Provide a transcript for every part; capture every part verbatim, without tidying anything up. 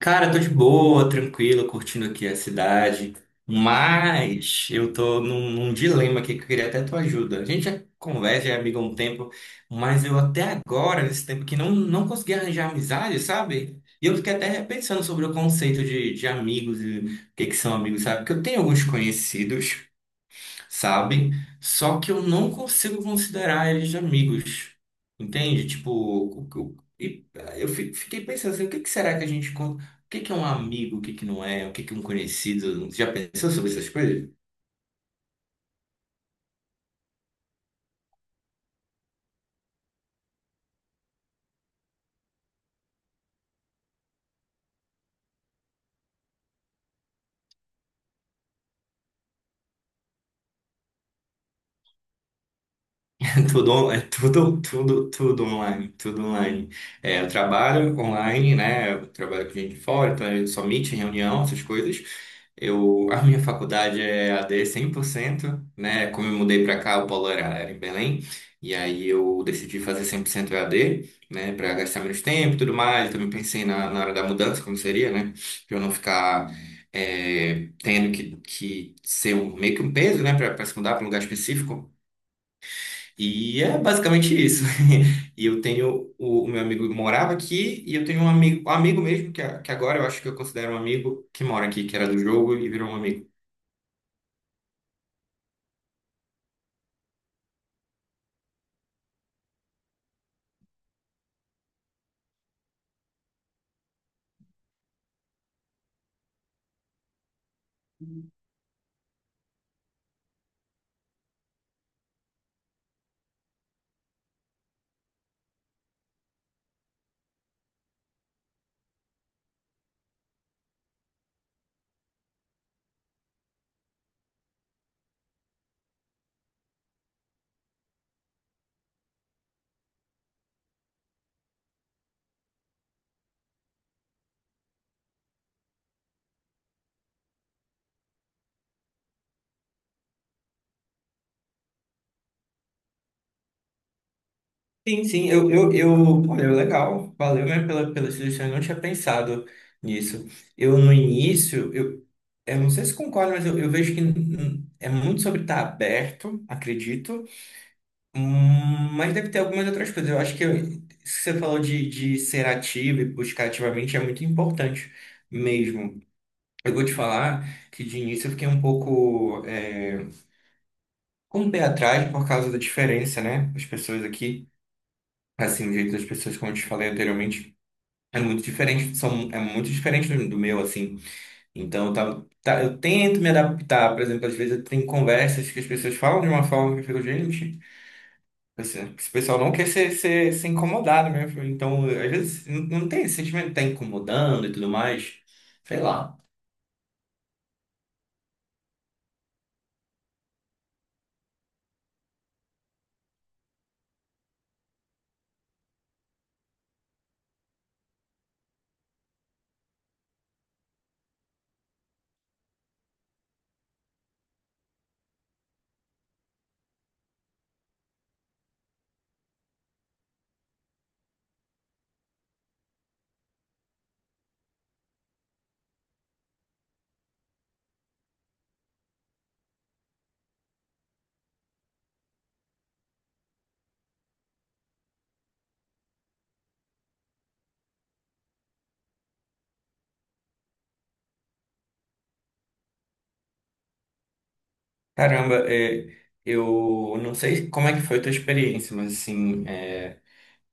Cara, tô de boa, tranquilo, curtindo aqui a cidade, mas eu tô num, num dilema aqui que eu queria até tua ajuda. A gente já conversa, já é amigo há um tempo, mas eu até agora, nesse tempo que não, não consegui arranjar amizade, sabe? E eu fiquei até repensando sobre o conceito de, de amigos e o que que são amigos, sabe? Porque eu tenho alguns conhecidos, sabe? Só que eu não consigo considerar eles amigos, entende? Tipo, o- o- e eh, eu fi- fiquei pensando assim, o que que será que a gente, con- o que que é um amigo, o que que não é, o que que é um conhecido? Já pensou sobre essas coisas? É tudo, on- é tudo, tudo, tudo online, tudo online. É, eu trabalho online, né? Eu trabalho com gente de fora, então eu só meet, reunião, essas coisas. Eu, a minha faculdade é A D cento, né? Como eu mudei para cá, o polo era, era em Belém, e aí eu decidi fazer cem por cento E A D, né? Para gastar menos tempo e tudo mais. Também pensei na, na hora da mudança, como seria, né? Para eu não ficar é, tendo que, que ser um, meio que um peso, né? Para se mudar para um lugar específico. E é basicamente isso. E eu tenho o, o meu amigo morava aqui e eu tenho um amigo, um amigo mesmo que, a- que agora eu acho que eu considero um amigo que mora aqui, que era do jogo e virou um amigo. Sim, sim, eu, eu, eu, olha, legal, valeu mesmo pela, pela sugestão, eu não tinha pensado nisso. Eu, no início, eu, eu não sei se concordo, mas eu, eu vejo que hum, é muito sobre estar aberto, acredito. Hum, Mas deve ter algumas outras coisas. Eu acho que isso que você falou de, de ser ativo e buscar ativamente é muito importante mesmo. Eu vou te falar que de início eu fiquei um pouco é, com o pé atrás por causa da diferença, né? As pessoas aqui, assim, o jeito das pessoas, como eu te falei anteriormente, é muito diferente, são, é muito diferente do do meu, assim. Então, tá, tá, eu tento me adaptar. Por exemplo, às vezes eu tenho conversas que as pessoas falam de uma forma que eu fico, gente. Esse esse pessoal não quer ser, ser, ser incomodado mesmo. Então, às vezes, não, não tem esse sentimento de tá incomodando e tudo mais. Sei lá. Caramba, é, eu não sei como é que foi a tua experiência, mas assim, é,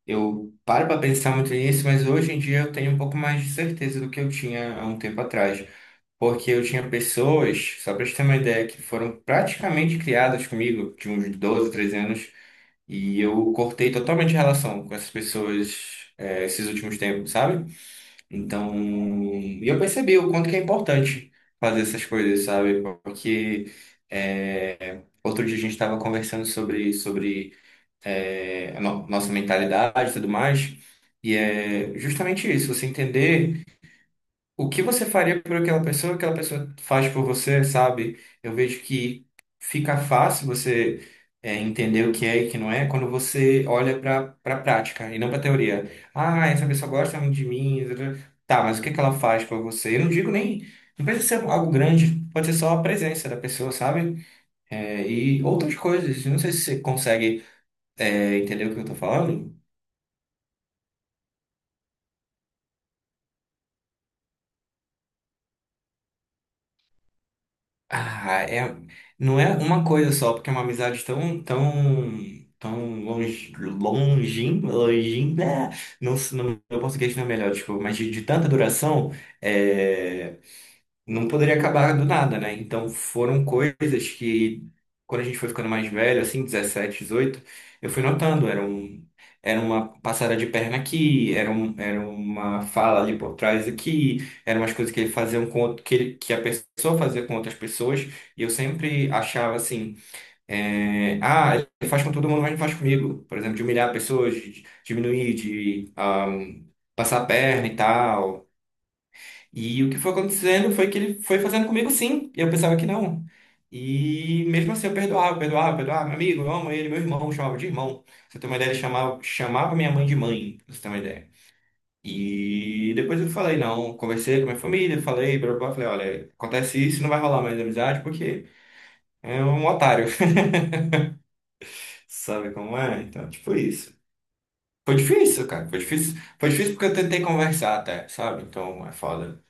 eu paro para pensar muito nisso, mas hoje em dia eu tenho um pouco mais de certeza do que eu tinha há um tempo atrás. Porque eu tinha pessoas, só para te ter uma ideia, que foram praticamente criadas comigo, de uns doze, treze anos, e eu cortei totalmente a relação com essas pessoas, é, esses últimos tempos, sabe? Então, e eu percebi o quanto que é importante fazer essas coisas, sabe? Porque é, outro dia a gente estava conversando sobre, sobre é, a no- nossa mentalidade e tudo mais, e é justamente isso, você entender o que você faria por aquela pessoa, aquela pessoa faz por você, sabe? Eu vejo que fica fácil você é, entender o que é e o que não é quando você olha para para prática e não para teoria. Ah, essa pessoa gosta muito de mim. Tá, tá, mas o que é que ela faz por você? Eu não digo nem. Não precisa ser algo grande, pode ser só a presença da pessoa, sabe? É, e outras coisas. Não sei se você consegue, é, entender o que eu tô falando. Ah, é, não é uma coisa só, porque é uma amizade tão, tão, tão longe, longin, longin, né? Não, se- não, meu português não é melhor, desculpa, mas de, de tanta duração, é, não poderia acabar do nada, né? Então foram coisas que, quando a gente foi ficando mais velho, assim, dezessete, dezoito, eu fui notando, era um, era uma passada de perna aqui, era, um, era uma fala ali por trás aqui, eram umas coisas que ele fazia um, com outro- que, ele- que a pessoa fazia com outras pessoas, e eu sempre achava assim, é, ah, ele faz com todo mundo, mas não faz comigo. Por exemplo, de humilhar pessoas, de diminuir, de ah, passar a perna e tal. E o que foi acontecendo foi que ele foi fazendo comigo sim, e eu pensava que não. E mesmo assim eu perdoava, perdoava, perdoava, meu amigo, eu amo ele, meu irmão, eu chamava de irmão. Pra você ter uma ideia, ele chamava, chamava minha mãe de mãe, pra você ter uma ideia. E depois eu falei, não, conversei com a minha família, falei, blá, blá, blá, falei, olha, acontece isso, não vai rolar mais amizade porque é um otário. Sabe como é? Então, tipo isso. Foi difícil, cara, foi difícil. Foi difícil porque eu tentei conversar até, sabe? Então é foda.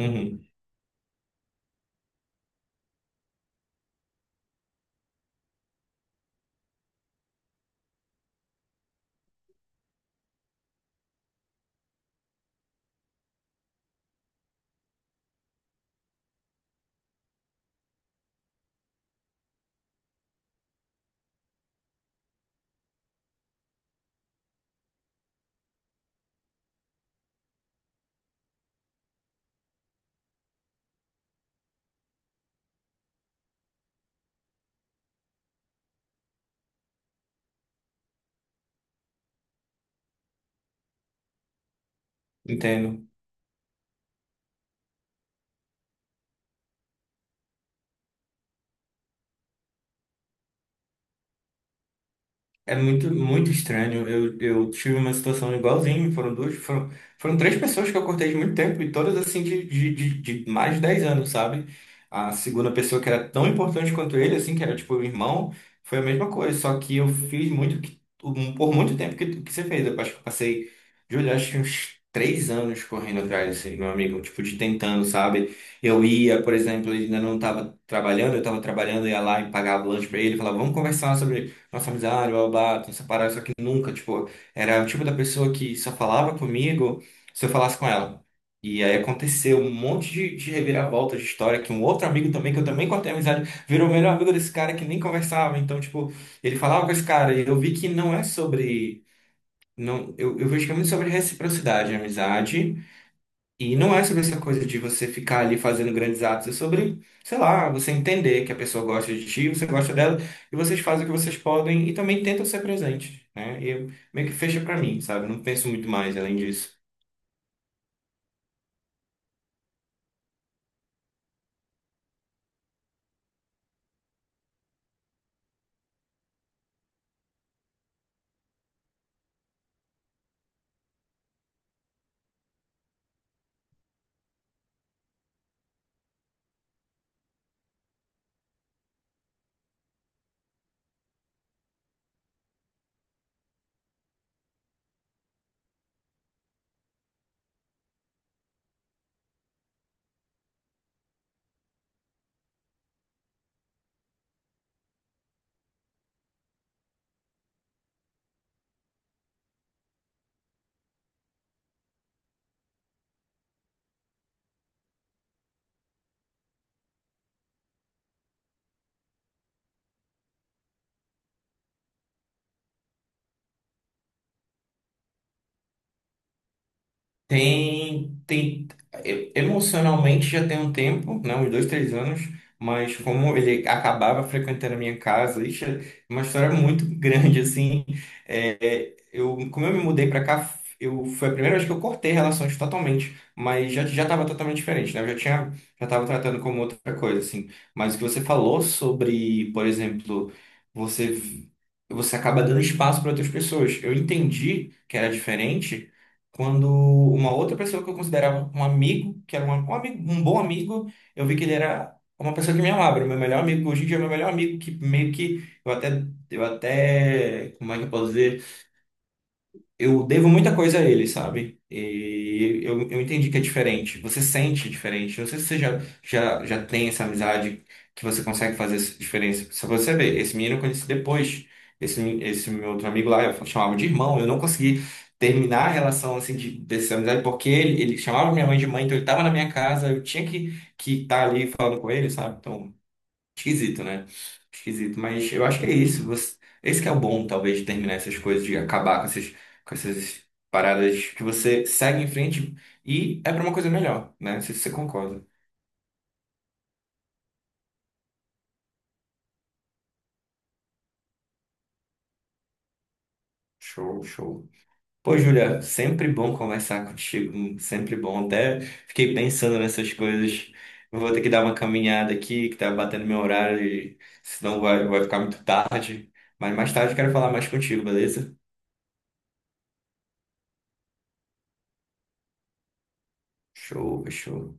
Uhum, entendo. É muito, muito estranho. Eu, eu tive uma situação igualzinha. Foram duas, foram, foram três pessoas que eu cortei de muito tempo e todas assim de, de, de, de mais de dez anos, sabe? A segunda pessoa que era tão importante quanto ele, assim, que era tipo o irmão, foi a mesma coisa. Só que eu fiz muito, que- um- por muito tempo que, que você fez. Eu acho que eu passei, Júlio, acho que uns três anos correndo atrás, assim, meu amigo, tipo, de tentando, sabe? Eu ia, por exemplo, ele ainda não estava trabalhando, eu estava trabalhando, ia lá e pagava lanche para ele, falava, vamos conversar sobre nossa amizade, blá, blá, blá, tem essa parada, só que nunca, tipo, era o tipo da pessoa que só falava comigo se eu falasse com ela. E aí aconteceu um monte de, de reviravolta de história, que um outro amigo também, que eu também cortei amizade, virou o melhor amigo desse cara que nem conversava. Então, tipo, ele falava com esse cara, e eu vi que não é sobre. Não, eu, eu vejo que é muito sobre reciprocidade, amizade. E não é sobre essa coisa de você ficar ali fazendo grandes atos, é sobre, sei lá, você entender que a pessoa gosta de ti, você gosta dela, e vocês fazem o que vocês podem e também tentam ser presentes, né? E eu- meio que fecha pra mim, sabe? Não penso muito mais além disso. Tem, tem, e- emocionalmente já tem um tempo, né, uns dois, três anos, mas como ele acabava frequentando a minha casa, isso é uma história muito grande, assim, é, é, eu, como eu me mudei para cá, eu, foi a primeira vez que eu cortei relações totalmente, mas já, já estava totalmente diferente, né, eu já tinha, já estava tratando como outra coisa, assim, mas o que você falou sobre, por exemplo, você, você acaba dando espaço para outras pessoas, eu entendi que era diferente, quando uma outra pessoa que eu considerava um amigo, que era um, um amigo, um bom amigo, eu vi que ele era uma pessoa que me amava, era o meu melhor amigo, hoje em dia é o meu melhor amigo, que meio que eu até, eu até, como é que eu posso dizer? Eu devo muita coisa a ele, sabe? E eu, eu entendi que é diferente. Você sente diferente. Eu não sei se você já, já, já tem essa amizade que você consegue fazer essa diferença. Só pra você ver, esse menino eu conheci depois. Esse, esse meu outro amigo lá, eu chamava de irmão. Eu não consegui terminar a relação assim, de, dessa amizade, porque ele, ele chamava minha mãe de mãe, então ele estava na minha casa, eu tinha que estar que tá ali falando com ele, sabe? Então. Esquisito, né? Esquisito, mas eu acho que é isso. Você. Esse que é o bom, talvez, de terminar essas coisas, de acabar com essas, com essas paradas que você segue em frente e é pra uma coisa melhor, né? Não sei se você concorda. Show, show. Pô, Júlia, sempre bom conversar contigo, sempre bom. Até fiquei pensando nessas coisas. Eu vou ter que dar uma caminhada aqui, que tá batendo meu horário, e senão vai, vai ficar muito tarde. Mas mais tarde eu quero falar mais contigo, beleza? Show, show.